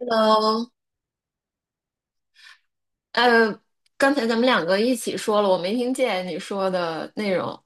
Hello，呃，刚才咱们两个一起说了，我没听见你说的内容。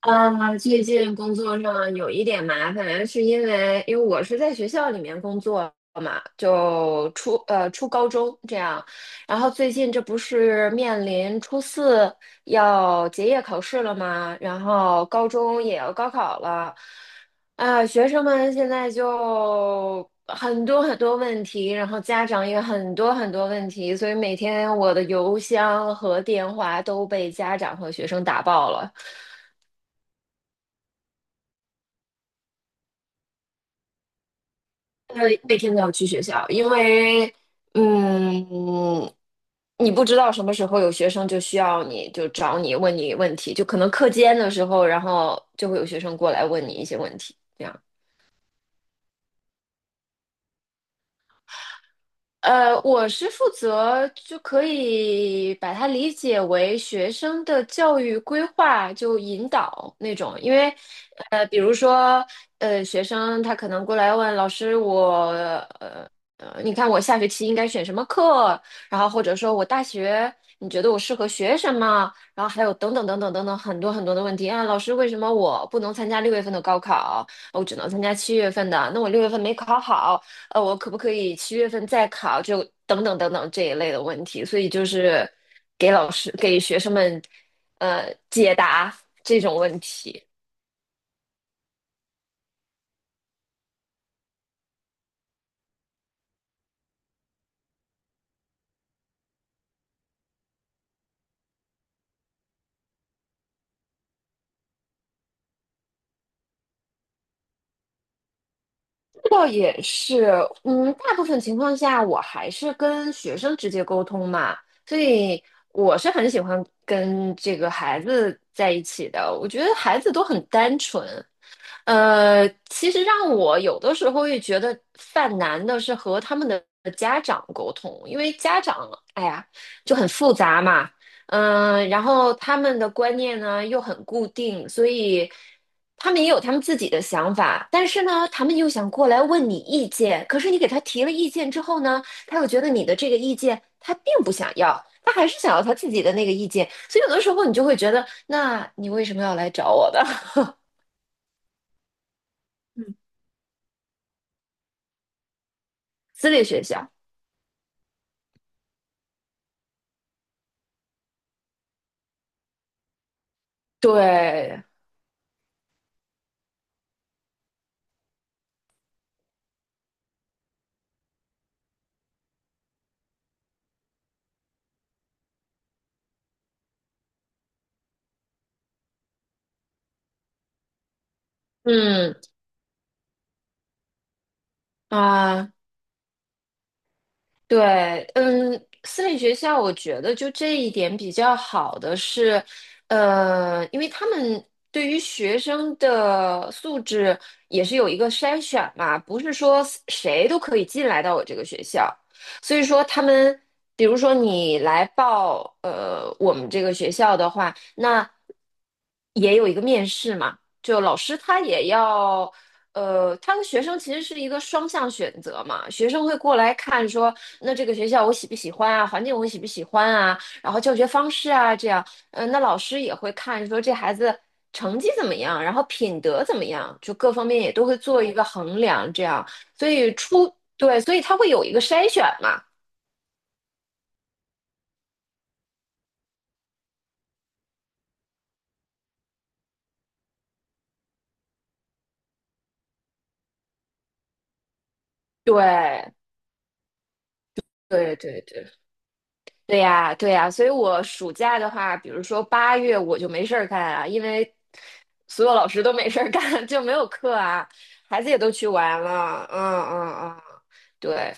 最近工作上有一点麻烦，是因为我是在学校里面工作嘛，就初高中这样，然后最近这不是面临初四要结业考试了吗？然后高中也要高考了，学生们现在就很多很多问题，然后家长也很多很多问题，所以每天我的邮箱和电话都被家长和学生打爆了。每天都要去学校，因为嗯，你不知道什么时候有学生就需要你，就找你问你问题，就可能课间的时候，然后就会有学生过来问你一些问题，这样。我是负责就可以把它理解为学生的教育规划，就引导那种。因为，比如说，学生他可能过来问老师我，呃你看我下学期应该选什么课？然后或者说我大学你觉得我适合学什么？然后还有等等等等等等很多很多的问题啊，老师为什么我不能参加六月份的高考，我只能参加七月份的？那我六月份没考好。我可不可以七月份再考，就等等等等这一类的问题。所以就是给老师给学生们解答这种问题。倒也是，嗯，大部分情况下我还是跟学生直接沟通嘛，所以我是很喜欢跟这个孩子在一起的。我觉得孩子都很单纯，其实让我有的时候也觉得犯难的是和他们的家长沟通，因为家长，哎呀，就很复杂嘛，嗯、然后他们的观念呢又很固定，所以他们也有他们自己的想法，但是呢，他们又想过来问你意见，可是你给他提了意见之后呢，他又觉得你的这个意见他并不想要，他还是想要他自己的那个意见，所以有的时候你就会觉得，那你为什么要来找我的 嗯，私立学校？对，嗯啊，对，嗯，私立学校我觉得就这一点比较好的是，因为他们对于学生的素质也是有一个筛选嘛，不是说谁都可以进来到我这个学校，所以说他们，比如说你来报我们这个学校的话，那也有一个面试嘛。就老师他也要，他和学生其实是一个双向选择嘛。学生会过来看说，那这个学校我喜不喜欢啊，环境我喜不喜欢啊，然后教学方式啊，这样，嗯、那老师也会看说这孩子成绩怎么样，然后品德怎么样，就各方面也都会做一个衡量，这样，所以出，对，所以他会有一个筛选嘛，对，对对对。对呀，对呀，所以我暑假的话，比如说八月我就没事儿干啊，因为所有老师都没事儿干，就没有课啊，孩子也都去玩了，嗯嗯嗯，对，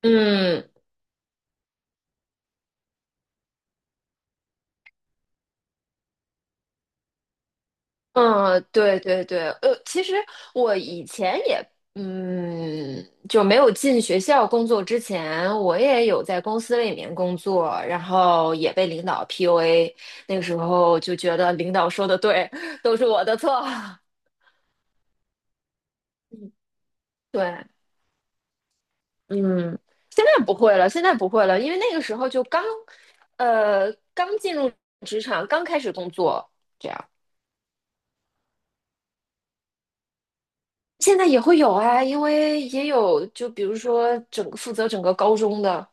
嗯嗯，对对对，其实我以前也，嗯，就没有进学校工作之前，我也有在公司里面工作，然后也被领导 PUA,那个时候就觉得领导说的对，都是我的错，对。嗯，现在不会了，现在不会了，因为那个时候就刚，刚进入职场，刚开始工作，这样。现在也会有啊，因为也有，就比如说整个负责整个高中的，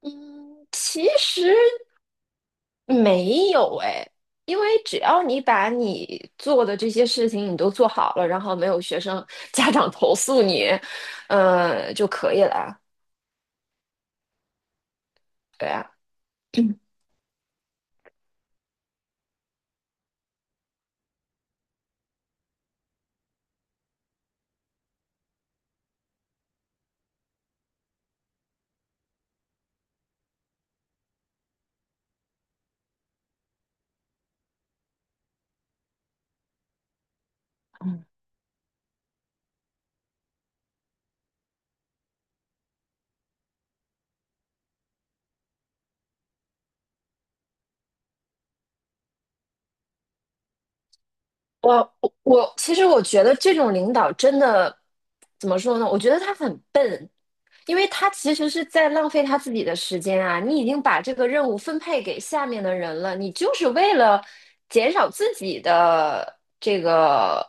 嗯，其实没有哎，因为只要你把你做的这些事情你都做好了，然后没有学生 家长投诉你，就可以了。对啊，我，其实我觉得这种领导真的怎么说呢？我觉得他很笨，因为他其实是在浪费他自己的时间啊。你已经把这个任务分配给下面的人了，你就是为了减少自己的这个，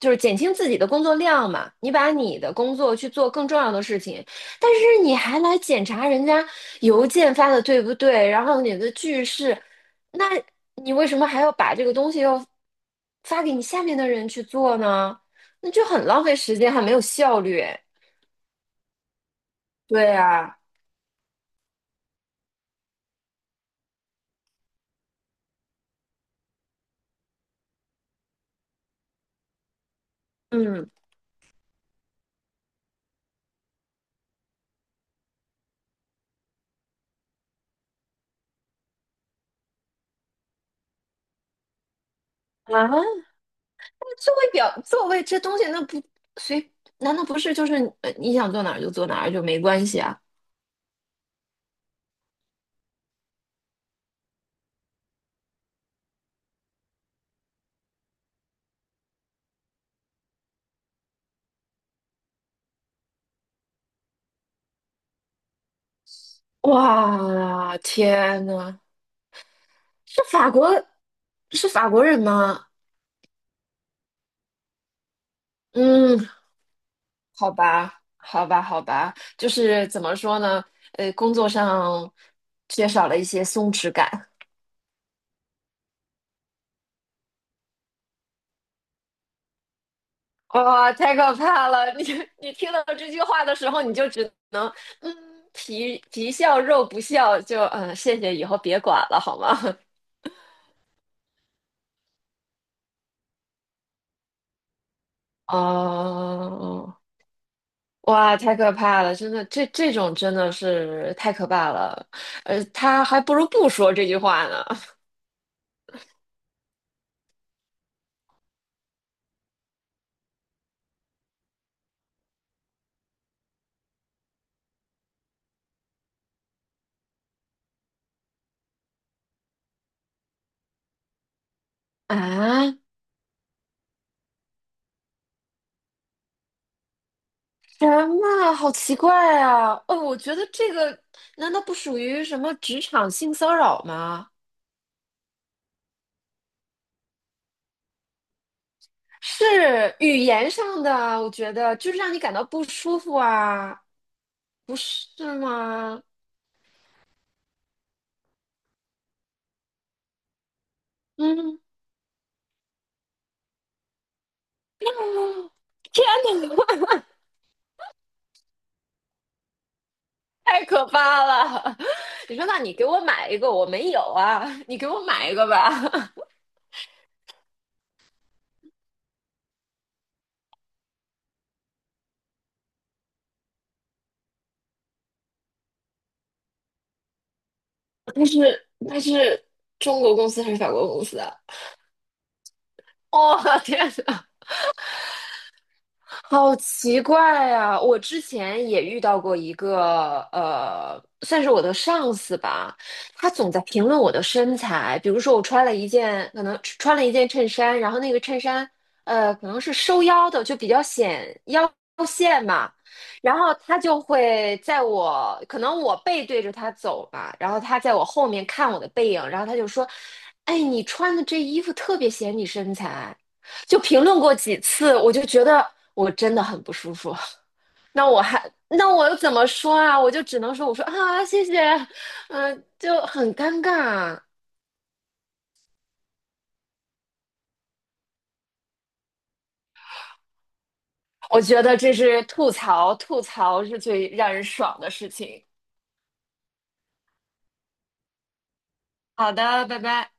就是减轻自己的工作量嘛。你把你的工作去做更重要的事情，但是你还来检查人家邮件发的对不对，然后你的句式。那你为什么还要把这个东西要发给你下面的人去做呢？那就很浪费时间，还没有效率。对啊，嗯啊，座位表座位这东西，那不随，难道不是就是你想坐哪儿就坐哪儿就没关系啊？哇，天呐，是法国是法国人吗？嗯，好吧，好吧，好吧，就是怎么说呢？工作上缺少了一些松弛感。哇，太可怕了！你 你听到这句话的时候，你就只能嗯，皮皮笑肉不笑，就嗯，谢谢，以后别管了，好吗？哦，哇，太可怕了！真的，这种真的是太可怕了。他还不如不说这句话呢。啊，什么？好奇怪啊！哦，我觉得这个难道不属于什么职场性骚扰吗？是语言上的啊，我觉得就是让你感到不舒服啊，不是吗？嗯，天哪，太可怕了！你说，那你给我买一个，我没有啊，你给我买一个吧。它是中国公司还是法国公司啊？哦，天哪！好奇怪呀！我之前也遇到过一个，算是我的上司吧，他总在评论我的身材。比如说，我穿了一件，可能穿了一件衬衫，然后那个衬衫，可能是收腰的，就比较显腰线嘛。然后他就会在我，可能我背对着他走吧，然后他在我后面看我的背影，然后他就说："哎，你穿的这衣服特别显你身材。"就评论过几次，我就觉得我真的很不舒服。那我还，那我又怎么说啊？我就只能说，我说啊，谢谢，嗯、就很尴尬啊。我觉得这是吐槽，吐槽是最让人爽的事情。好的，拜拜。